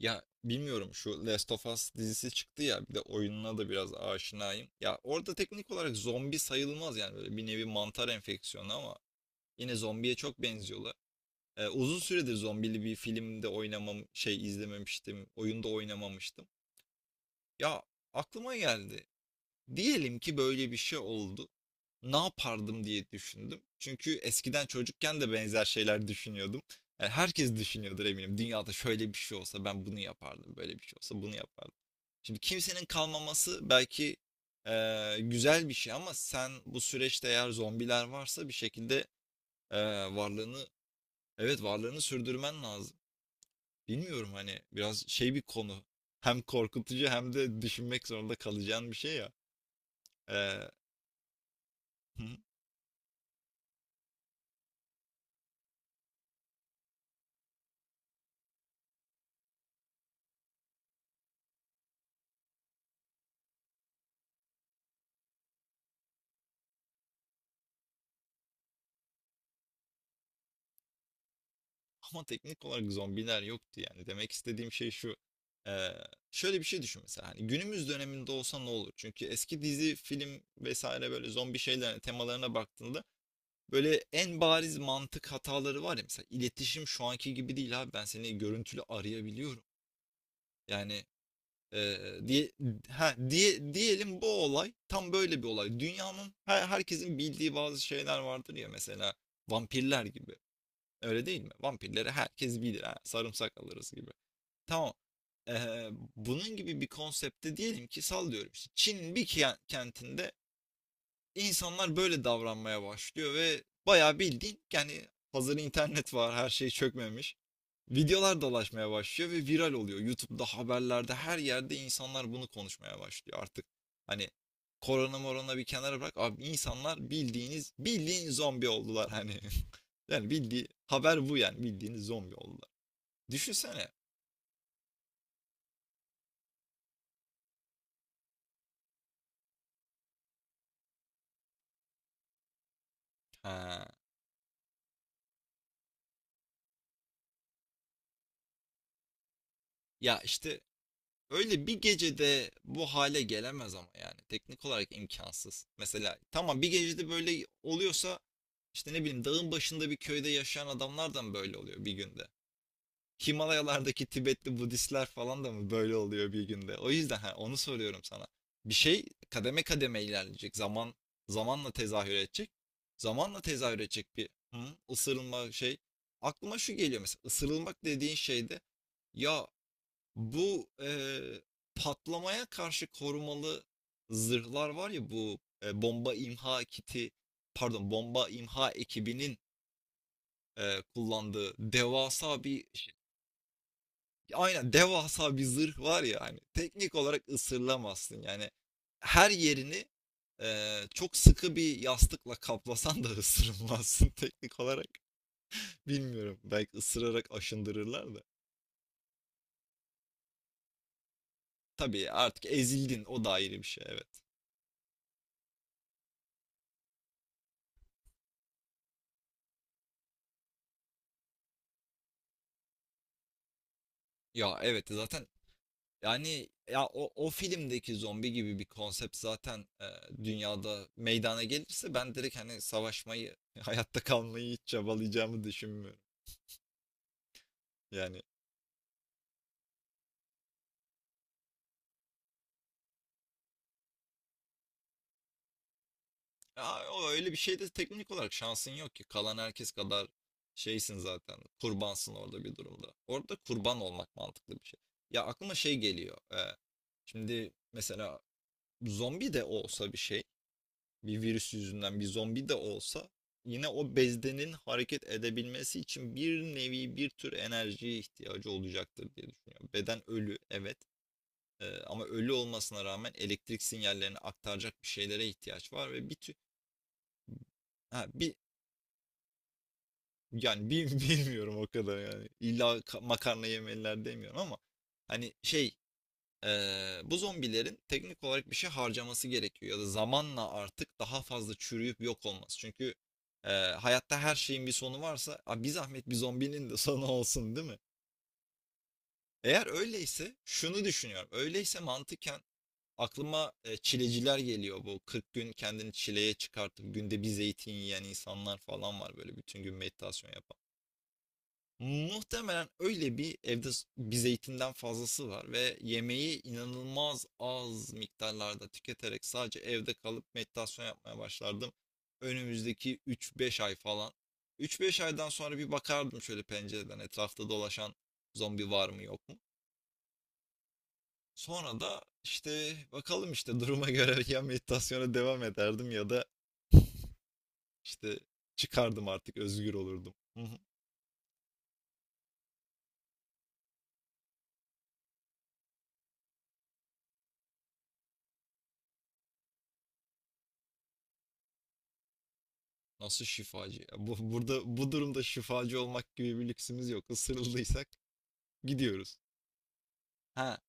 Ya bilmiyorum, şu Last of Us dizisi çıktı ya, bir de oyununa da biraz aşinayım. Ya orada teknik olarak zombi sayılmaz yani, böyle bir nevi mantar enfeksiyonu ama yine zombiye çok benziyorlar. Uzun süredir zombili bir filmde oynamam, şey, izlememiştim, oyunda oynamamıştım. Ya, aklıma geldi. Diyelim ki böyle bir şey oldu. Ne yapardım diye düşündüm. Çünkü eskiden çocukken de benzer şeyler düşünüyordum. Yani herkes düşünüyordur eminim. Dünyada şöyle bir şey olsa ben bunu yapardım, böyle bir şey olsa bunu yapardım. Şimdi kimsenin kalmaması belki güzel bir şey, ama sen bu süreçte eğer zombiler varsa bir şekilde varlığını evet varlığını sürdürmen lazım. Bilmiyorum, hani biraz şey bir konu. Hem korkutucu hem de düşünmek zorunda kalacağın bir şey ya. Eee, ama teknik olarak zombiler yoktu yani. Demek istediğim şey şu. Eee, Şöyle bir şey düşün mesela. Hani günümüz döneminde olsa ne olur? Çünkü eski dizi, film vesaire, böyle zombi şeyler, temalarına baktığında böyle en bariz mantık hataları var ya. Mesela iletişim şu anki gibi değil, abi ben seni görüntülü arayabiliyorum. Yani e, diye ha diye, diyelim bu olay tam böyle bir olay. Dünyanın her, herkesin bildiği bazı şeyler vardır ya, mesela vampirler gibi. Öyle değil mi? Vampirleri herkes bilir. Ha, sarımsak alırız gibi. Tamam. E, Bunun gibi bir konsepte, diyelim ki sallıyorum, işte Çin'in bir kentinde insanlar böyle davranmaya başlıyor ve bayağı bildiğin, yani hazır internet var, her şey çökmemiş. Videolar dolaşmaya başlıyor ve viral oluyor. YouTube'da, haberlerde, her yerde insanlar bunu konuşmaya başlıyor artık. Hani korona morona bir kenara bırak. Abi insanlar bildiğiniz, bildiğin zombi oldular hani. Yani bildiği haber bu, yani bildiğiniz zombi oldular. Düşünsene. Ha. Ya işte, öyle bir gecede bu hale gelemez ama yani. Teknik olarak imkansız. Mesela tamam, bir gecede böyle oluyorsa, işte ne bileyim, dağın başında bir köyde yaşayan adamlar da mı böyle oluyor bir günde? Himalayalardaki Tibetli Budistler falan da mı böyle oluyor bir günde? O yüzden ha, onu soruyorum sana. Bir şey kademe kademe ilerleyecek. Zaman zamanla tezahür edecek. Zamanla tezahür edecek bir, hı, ısırılma şey. Aklıma şu geliyor, mesela ısırılmak dediğin şeyde ya bu, patlamaya karşı korumalı zırhlar var ya, bu, bomba imha kiti, pardon, bomba imha ekibinin kullandığı devasa bir şey, aynen, devasa bir zırh var ya, hani teknik olarak ısırılamazsın yani. Her yerini çok sıkı bir yastıkla kaplasan da ısırılmazsın teknik olarak. Bilmiyorum, belki ısırarak aşındırırlar da. Tabii artık ezildin, o da ayrı bir şey, evet. Ya evet, zaten yani ya, o, o filmdeki zombi gibi bir konsept zaten dünyada meydana gelirse, ben direkt hani savaşmayı hayatta kalmayı hiç çabalayacağımı düşünmüyorum. Yani ya o, öyle bir şeyde teknik olarak şansın yok ki. Kalan herkes kadar şeysin zaten. Kurbansın orada, bir durumda. Orada kurban olmak mantıklı bir şey. Ya aklıma şey geliyor. Şimdi mesela zombi de olsa bir şey, bir virüs yüzünden bir zombi de olsa, yine o bezdenin hareket edebilmesi için bir nevi bir tür enerjiye ihtiyacı olacaktır diye düşünüyorum. Beden ölü, evet. Ama ölü olmasına rağmen elektrik sinyallerini aktaracak bir şeylere ihtiyaç var ve bir tür, ha, bir, yani bilmiyorum, o kadar yani, illa makarna yemeliler demiyorum ama hani şey, bu zombilerin teknik olarak bir şey harcaması gerekiyor ya da zamanla artık daha fazla çürüyüp yok olması. Çünkü hayatta her şeyin bir sonu varsa, "Aa, bir zahmet bir zombinin de sonu olsun, değil mi?" Eğer öyleyse şunu düşünüyorum. Öyleyse mantıken aklıma çileciler geliyor. Bu 40 gün kendini çileye çıkartıp günde bir zeytin yiyen insanlar falan var, böyle bütün gün meditasyon yapan. Muhtemelen öyle bir evde bir zeytinden fazlası var ve yemeği inanılmaz az miktarlarda tüketerek sadece evde kalıp meditasyon yapmaya başlardım. Önümüzdeki 3-5 ay falan. 3-5 aydan sonra bir bakardım şöyle pencereden, etrafta dolaşan zombi var mı, yok mu? Sonra da işte bakalım işte duruma göre ya meditasyona devam ederdim ya da işte çıkardım, artık özgür olurdum. Hı hı. Nasıl şifacı, ya? Bu, burada, bu durumda şifacı olmak gibi bir lüksümüz yok. Isırıldıysak gidiyoruz. Ha.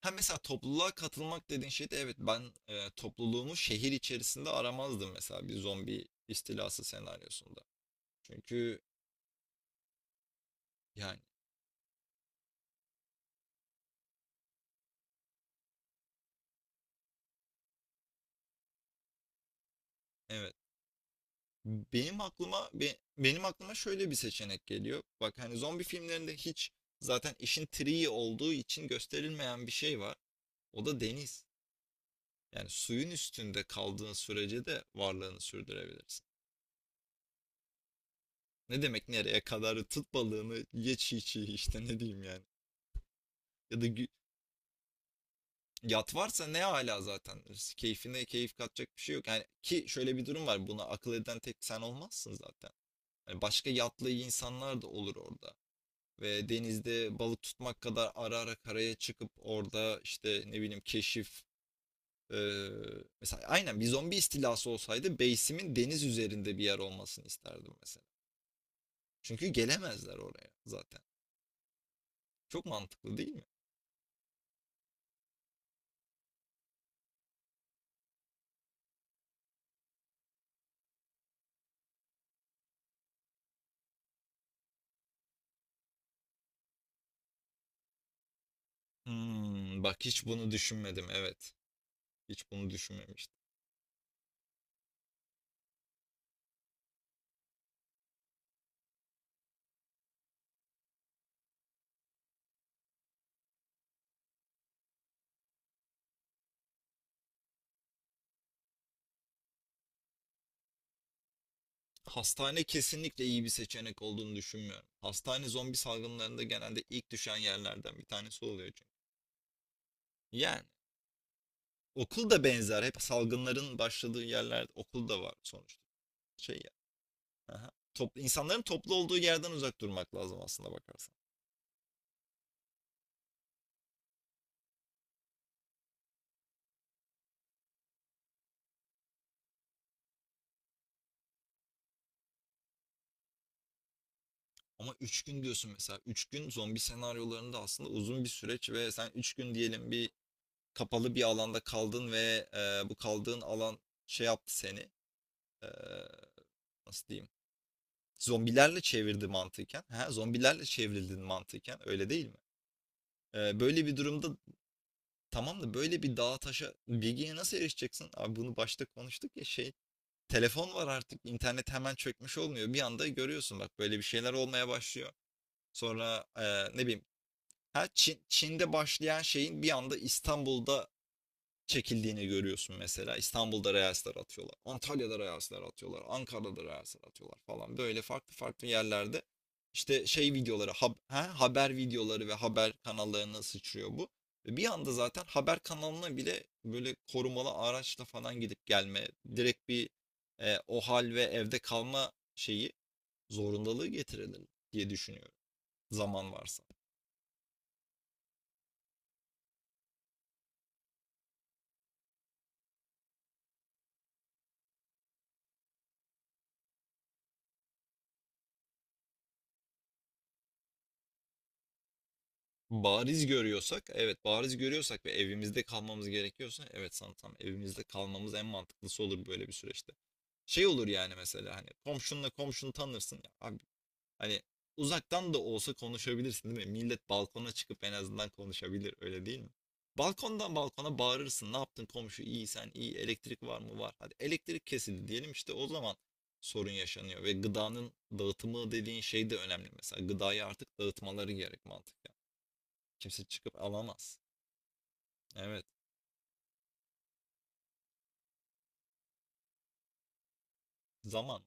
Ha mesela topluluğa katılmak dediğin şeyde, evet, ben topluluğumu şehir içerisinde aramazdım mesela bir zombi istilası senaryosunda. Çünkü yani, evet, benim aklıma şöyle bir seçenek geliyor. Bak hani zombi filmlerinde hiç, zaten işin triği olduğu için gösterilmeyen bir şey var. O da deniz. Yani suyun üstünde kaldığın sürece de varlığını sürdürebilirsin. Ne demek nereye kadar? Tut balığını ye çiğ çiğ, işte ne diyeyim yani. Ya da gü- Yat varsa ne hala zaten. Keyfine keyif katacak bir şey yok. Yani ki şöyle bir durum var. Buna akıl eden tek sen olmazsın zaten. Yani başka yatlı insanlar da olur orada. Ve denizde balık tutmak kadar, ara ara karaya çıkıp orada işte ne bileyim keşif, eee, mesela aynen, bir zombi istilası olsaydı base'imin deniz üzerinde bir yer olmasını isterdim mesela. Çünkü gelemezler oraya zaten. Çok mantıklı değil mi? Hmm, bak hiç bunu düşünmedim. Evet. Hiç bunu düşünmemiştim. Hastane kesinlikle iyi bir seçenek olduğunu düşünmüyorum. Hastane zombi salgınlarında genelde ilk düşen yerlerden bir tanesi oluyor çünkü. Yani okul da benzer. Hep salgınların başladığı yerlerde okul da var sonuçta. Şey ya. Aha. İnsanların toplu olduğu yerden uzak durmak lazım aslında, bakarsan. Ama 3 gün diyorsun mesela. Üç gün zombi senaryolarında aslında uzun bir süreç ve sen 3 gün diyelim bir kapalı bir alanda kaldın ve bu kaldığın alan şey yaptı seni. e, Nasıl diyeyim? Zombilerle çevirdi mantıken. Ha, zombilerle çevrildin mantıken. Öyle değil mi? Böyle bir durumda, tamam da böyle bir dağa taşa bilgiye nasıl erişeceksin? Abi bunu başta konuştuk ya şey. Telefon var artık. İnternet hemen çökmüş olmuyor. Bir anda görüyorsun, bak, böyle bir şeyler olmaya başlıyor. Sonra ne bileyim, ha, Çin'de başlayan şeyin bir anda İstanbul'da çekildiğini görüyorsun mesela. İstanbul'da Reels'ler atıyorlar. Antalya'da Reels'ler atıyorlar. Ankara'da Reels'ler atıyorlar falan. Böyle farklı farklı yerlerde işte şey videoları, haber videoları ve haber kanallarına sıçrıyor bu. Ve bir anda zaten haber kanalına bile böyle korumalı araçla falan gidip gelme, direkt bir o hal ve evde kalma şeyi zorundalığı getirelim diye düşünüyorum. Zaman varsa. Bariz görüyorsak, evet, bariz görüyorsak ve evimizde kalmamız gerekiyorsa, evet, sanırsam evimizde kalmamız en mantıklısı olur böyle bir süreçte. Şey olur yani, mesela hani komşunla, komşunu tanırsın ya abi, hani uzaktan da olsa konuşabilirsin, değil mi? Millet balkona çıkıp en azından konuşabilir, öyle değil mi? Balkondan balkona bağırırsın. Ne yaptın komşu, iyi, sen iyi, elektrik var mı, var. Hadi elektrik kesildi diyelim, işte o zaman sorun yaşanıyor. Ve gıdanın dağıtımı dediğin şey de önemli, mesela gıdayı artık dağıtmaları gerek, mantık. Kimse çıkıp alamaz. Evet. Zaman,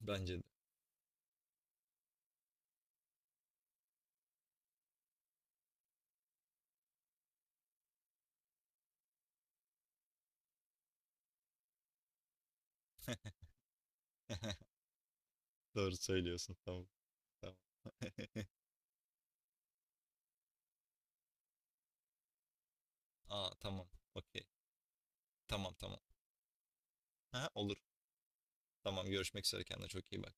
bence de. Doğru söylüyorsun. Tamam. Tamam. Aa, tamam. Okey. Tamam, tamam. Ha, olur. Tamam, görüşmek üzere, kendine çok iyi bak.